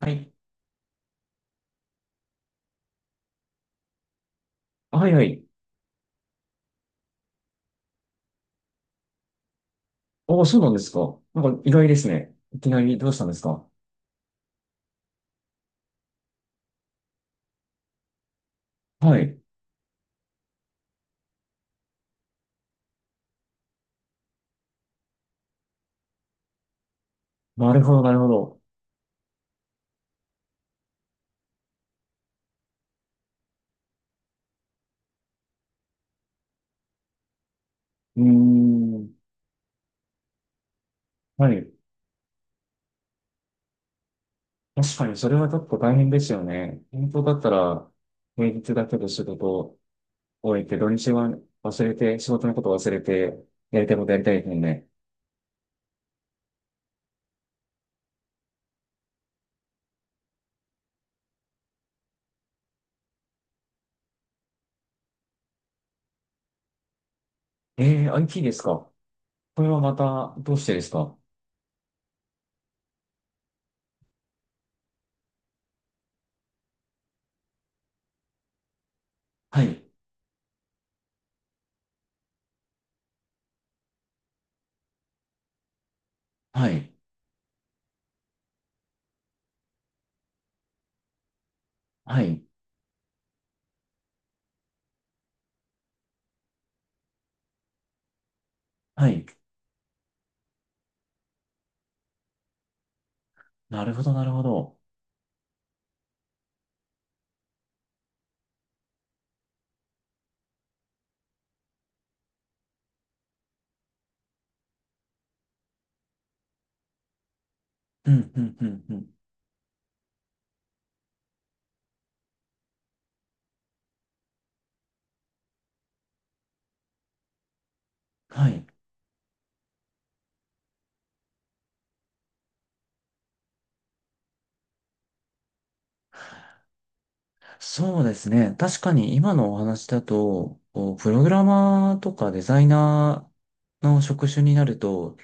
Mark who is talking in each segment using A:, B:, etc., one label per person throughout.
A: はい。はいはい。おー、そうなんですか。なんか意外ですね。いきなりどうしたんですか。はい。なるほど、なるほど。うーん。はい。確かにそれはちょっと大変ですよね。本当だったら、平日だけど仕事を終えて、土日は忘れて、仕事のこと忘れて、やりたいことやりたいですもんね。えー、IT ですか。これはまた、どうしてですか。はい。はい。はい。はい。なるほど、なるほど。うん、うん、うん、うん。はい。そうですね。確かに今のお話だと、こうプログラマーとかデザイナーの職種になると、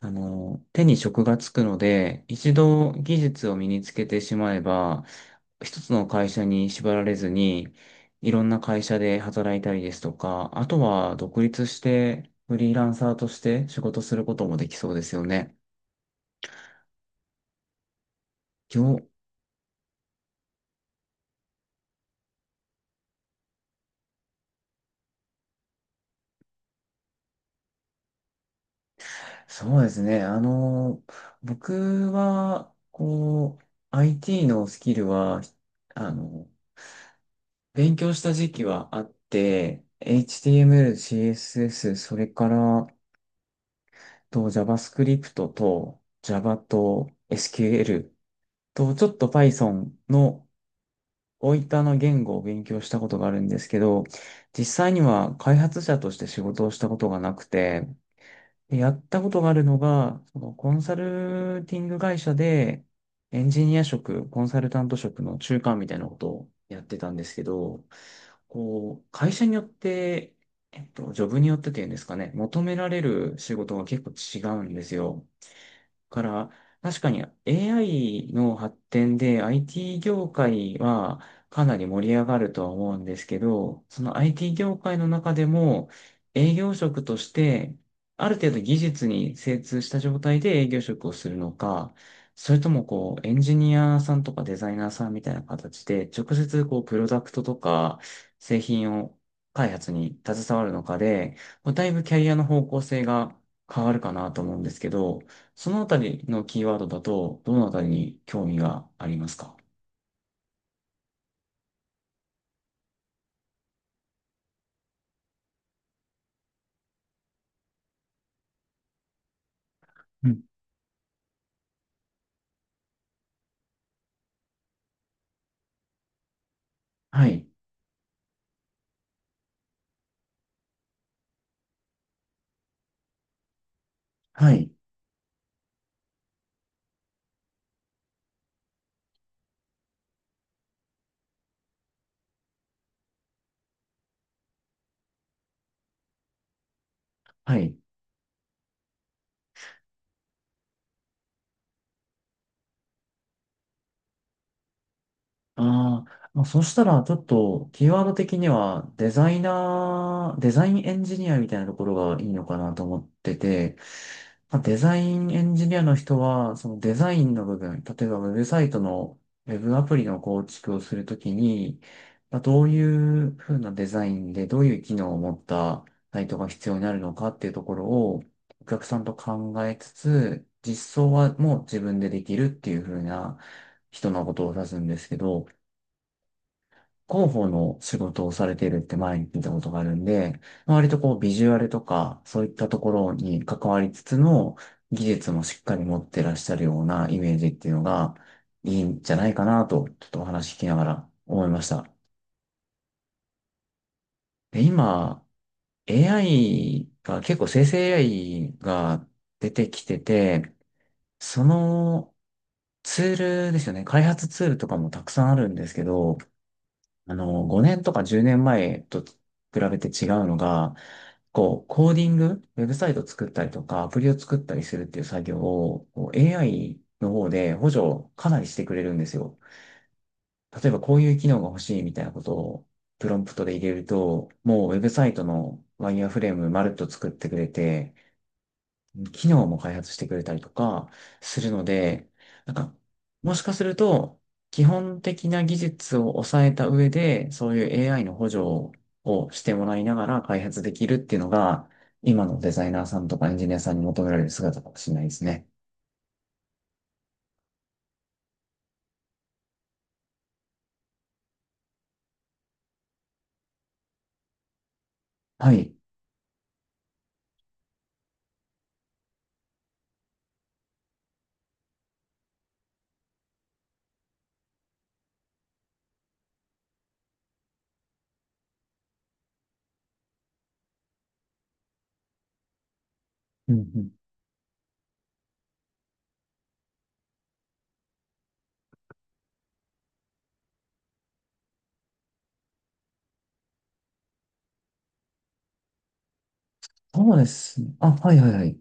A: 手に職がつくので、一度技術を身につけてしまえば、一つの会社に縛られずに、いろんな会社で働いたりですとか、あとは独立して、フリーランサーとして仕事することもできそうですよね。そうですね。僕は、こう、IT のスキルは、あの、勉強した時期はあって、HTML、CSS、それから、と JavaScript と Java と SQL と、ちょっと Python の大分の言語を勉強したことがあるんですけど、実際には開発者として仕事をしたことがなくて、で、やったことがあるのが、そのコンサルティング会社で、エンジニア職、コンサルタント職の中間みたいなことをやってたんですけど、こう、会社によって、ジョブによってっていうんですかね、求められる仕事が結構違うんですよ。から、確かに AI の発展で IT 業界はかなり盛り上がるとは思うんですけど、その IT 業界の中でも営業職としてある程度技術に精通した状態で営業職をするのか、それともこうエンジニアさんとかデザイナーさんみたいな形で直接こうプロダクトとか製品を開発に携わるのかで、こうだいぶキャリアの方向性が変わるかなと思うんですけど、そのあたりのキーワードだと、どのあたりに興味がありますか？うん。はい。はい。はい。ああ、まあ、そしたらちょっとキーワード的にはデザイナー、デザインエンジニアみたいなところがいいのかなと思ってて、まあ、デザインエンジニアの人はそのデザインの部分、例えばウェブサイトのウェブアプリの構築をするときに、まあ、どういうふうなデザインでどういう機能を持ったサイトが必要になるのかっていうところをお客さんと考えつつ、実装はもう自分でできるっていうふうな人のことを指すんですけど、広報の仕事をされているって前に聞いたことがあるんで、まあ割とこうビジュアルとかそういったところに関わりつつの技術もしっかり持ってらっしゃるようなイメージっていうのがいいんじゃないかなと、ちょっとお話聞きながら思いました。で、今、AI が結構生成 AI が出てきてて、そのツールですよね。開発ツールとかもたくさんあるんですけど、5年とか10年前と比べて違うのが、こう、コーディング、ウェブサイト作ったりとか、アプリを作ったりするっていう作業を、こう AI の方で補助をかなりしてくれるんですよ。例えばこういう機能が欲しいみたいなことをプロンプトで入れると、もうウェブサイトのワイヤーフレームまるっと作ってくれて、機能も開発してくれたりとかするので、なんか、もしかすると、基本的な技術を抑えた上で、そういう AI の補助をしてもらいながら開発できるっていうのが、今のデザイナーさんとかエンジニアさんに求められる姿かもしれないですね。はい。うんうん。そうですね。あ、はいはいはい。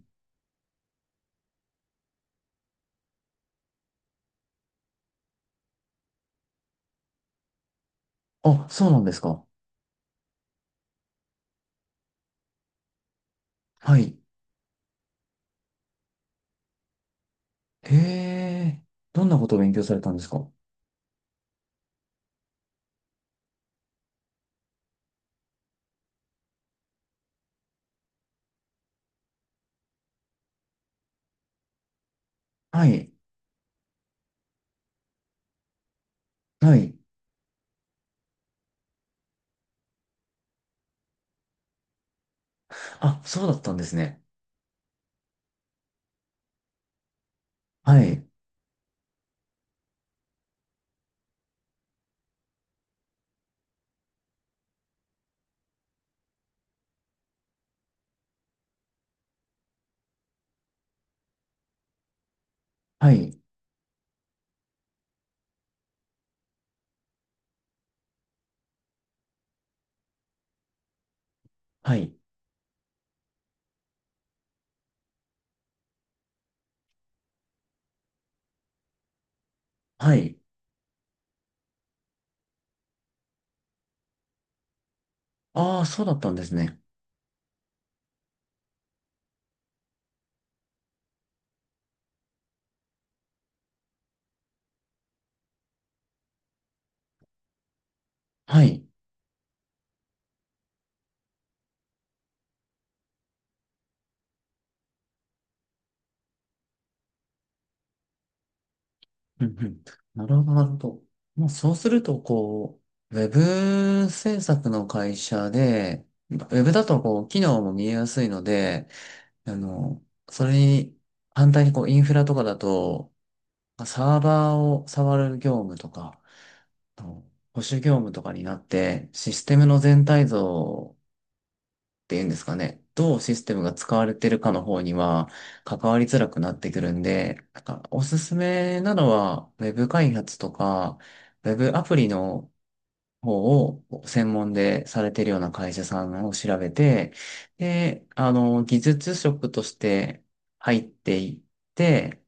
A: あ、そうなんですか。はい。へえ、どんなことを勉強されたんですか？はい。はい。あ、そうだったんですね。はい。はい。はい。はい。ああ、そうだったんですね。はい。うんうん。なるほど、なるほど。もうそうすると、こう、ウェブ制作の会社で、ウェブだと、こう、機能も見えやすいので、あの、それに、反対に、こう、インフラとかだと、サーバーを触る業務とか、あの保守業務とかになって、システムの全体像ていうんですかね、どうシステムが使われてるかの方には関わりづらくなってくるんで、なんかおすすめなのはウェブ開発とかウェブアプリの方を専門でされてるような会社さんを調べて、で、技術職として入っていって、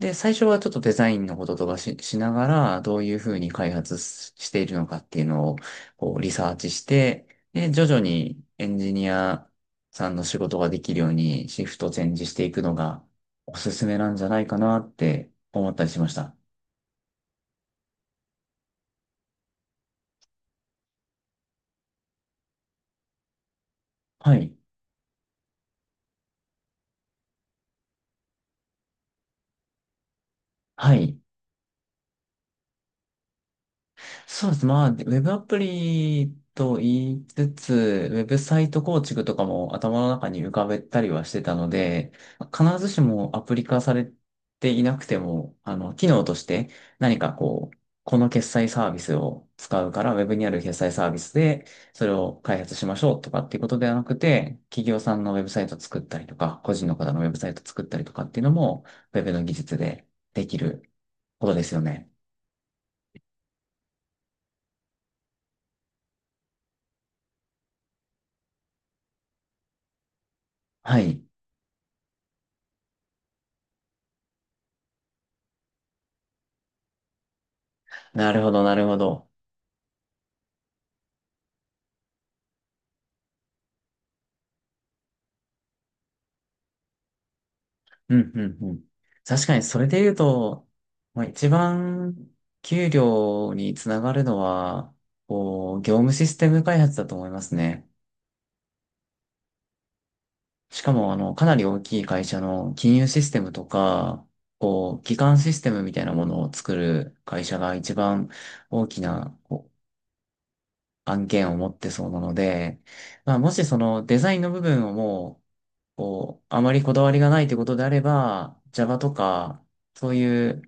A: で、最初はちょっとデザインのこととかしながら、どういうふうに開発ししているのかっていうのをこうリサーチして、で、徐々にエンジニアさんの仕事ができるようにシフトチェンジしていくのがおすすめなんじゃないかなって思ったりしました。はい。はい。そうです。まあ、ウェブアプリと言いつつ、ウェブサイト構築とかも頭の中に浮かべたりはしてたので、必ずしもアプリ化されていなくても、機能として何かこう、この決済サービスを使うから、ウェブにある決済サービスで、それを開発しましょうとかっていうことではなくて、企業さんのウェブサイト作ったりとか、個人の方のウェブサイト作ったりとかっていうのも、ウェブの技術でできることですよね。はい。なるほど、なるほど。うん、うん、うん。確かにそれで言うと、まあ、一番給料につながるのは、こう、業務システム開発だと思いますね。しかも、かなり大きい会社の金融システムとか、こう、基幹システムみたいなものを作る会社が一番大きなこう案件を持ってそうなので、まあ、もしそのデザインの部分をもう、こう、あまりこだわりがないということであれば、Java とか、そういう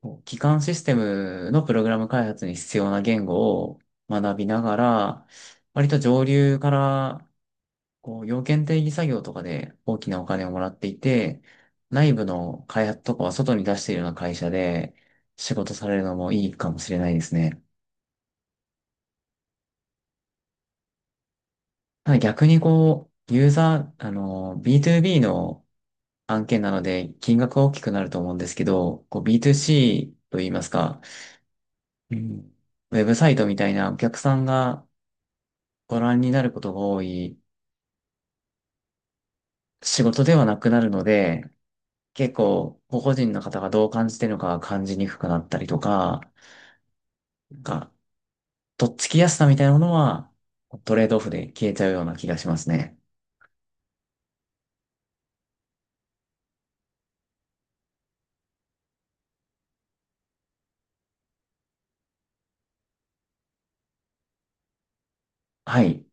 A: こう基幹システムのプログラム開発に必要な言語を学びながら、割と上流からこう要件定義作業とかで大きなお金をもらっていて、内部の開発とかは外に出しているような会社で仕事されるのもいいかもしれないですね。ただ逆にこう、ユーザー、B2B の案件なので金額は大きくなると思うんですけど、こう B2C と言いますか、うん、ウェブサイトみたいなお客さんがご覧になることが多い仕事ではなくなるので、結構、個々人の方がどう感じてるのかが感じにくくなったりとか、なんか、とっつきやすさみたいなものは、トレードオフで消えちゃうような気がしますね。はい。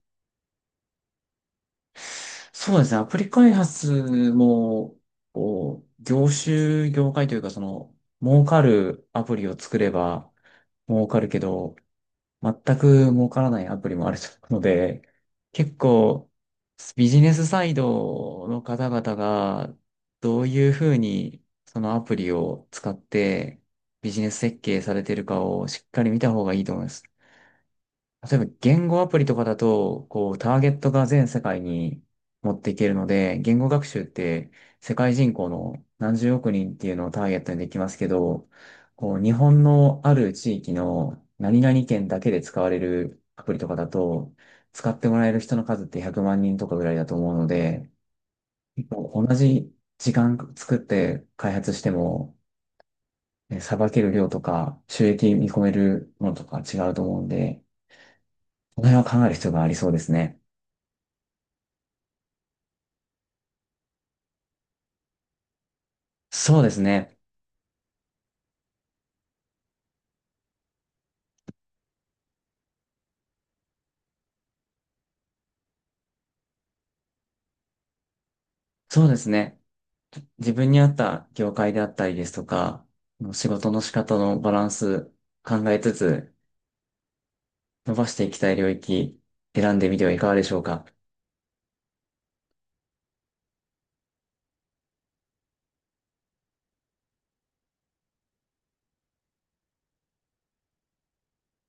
A: そうですね。アプリ開発も、こう、業種、業界というか、その、儲かるアプリを作れば儲かるけど、全く儲からないアプリもあると思うので、結構ビジネスサイドの方々がどういうふうにそのアプリを使ってビジネス設計されてるかをしっかり見た方がいいと思います。例えば言語アプリとかだと、こう、ターゲットが全世界に持っていけるので、言語学習って世界人口の何十億人っていうのをターゲットにできますけど、こう、日本のある地域の何々県だけで使われるアプリとかだと、使ってもらえる人の数って100万人とかぐらいだと思うので、もう同じ時間作って開発しても、ねさばける量とか収益見込めるものとか違うと思うんで、この辺は考える必要がありそうですね。そうですね。そうですね。自分に合った業界であったりですとか、仕事の仕方のバランス考えつつ伸ばしていきたい領域選んでみてはいかがでしょうか。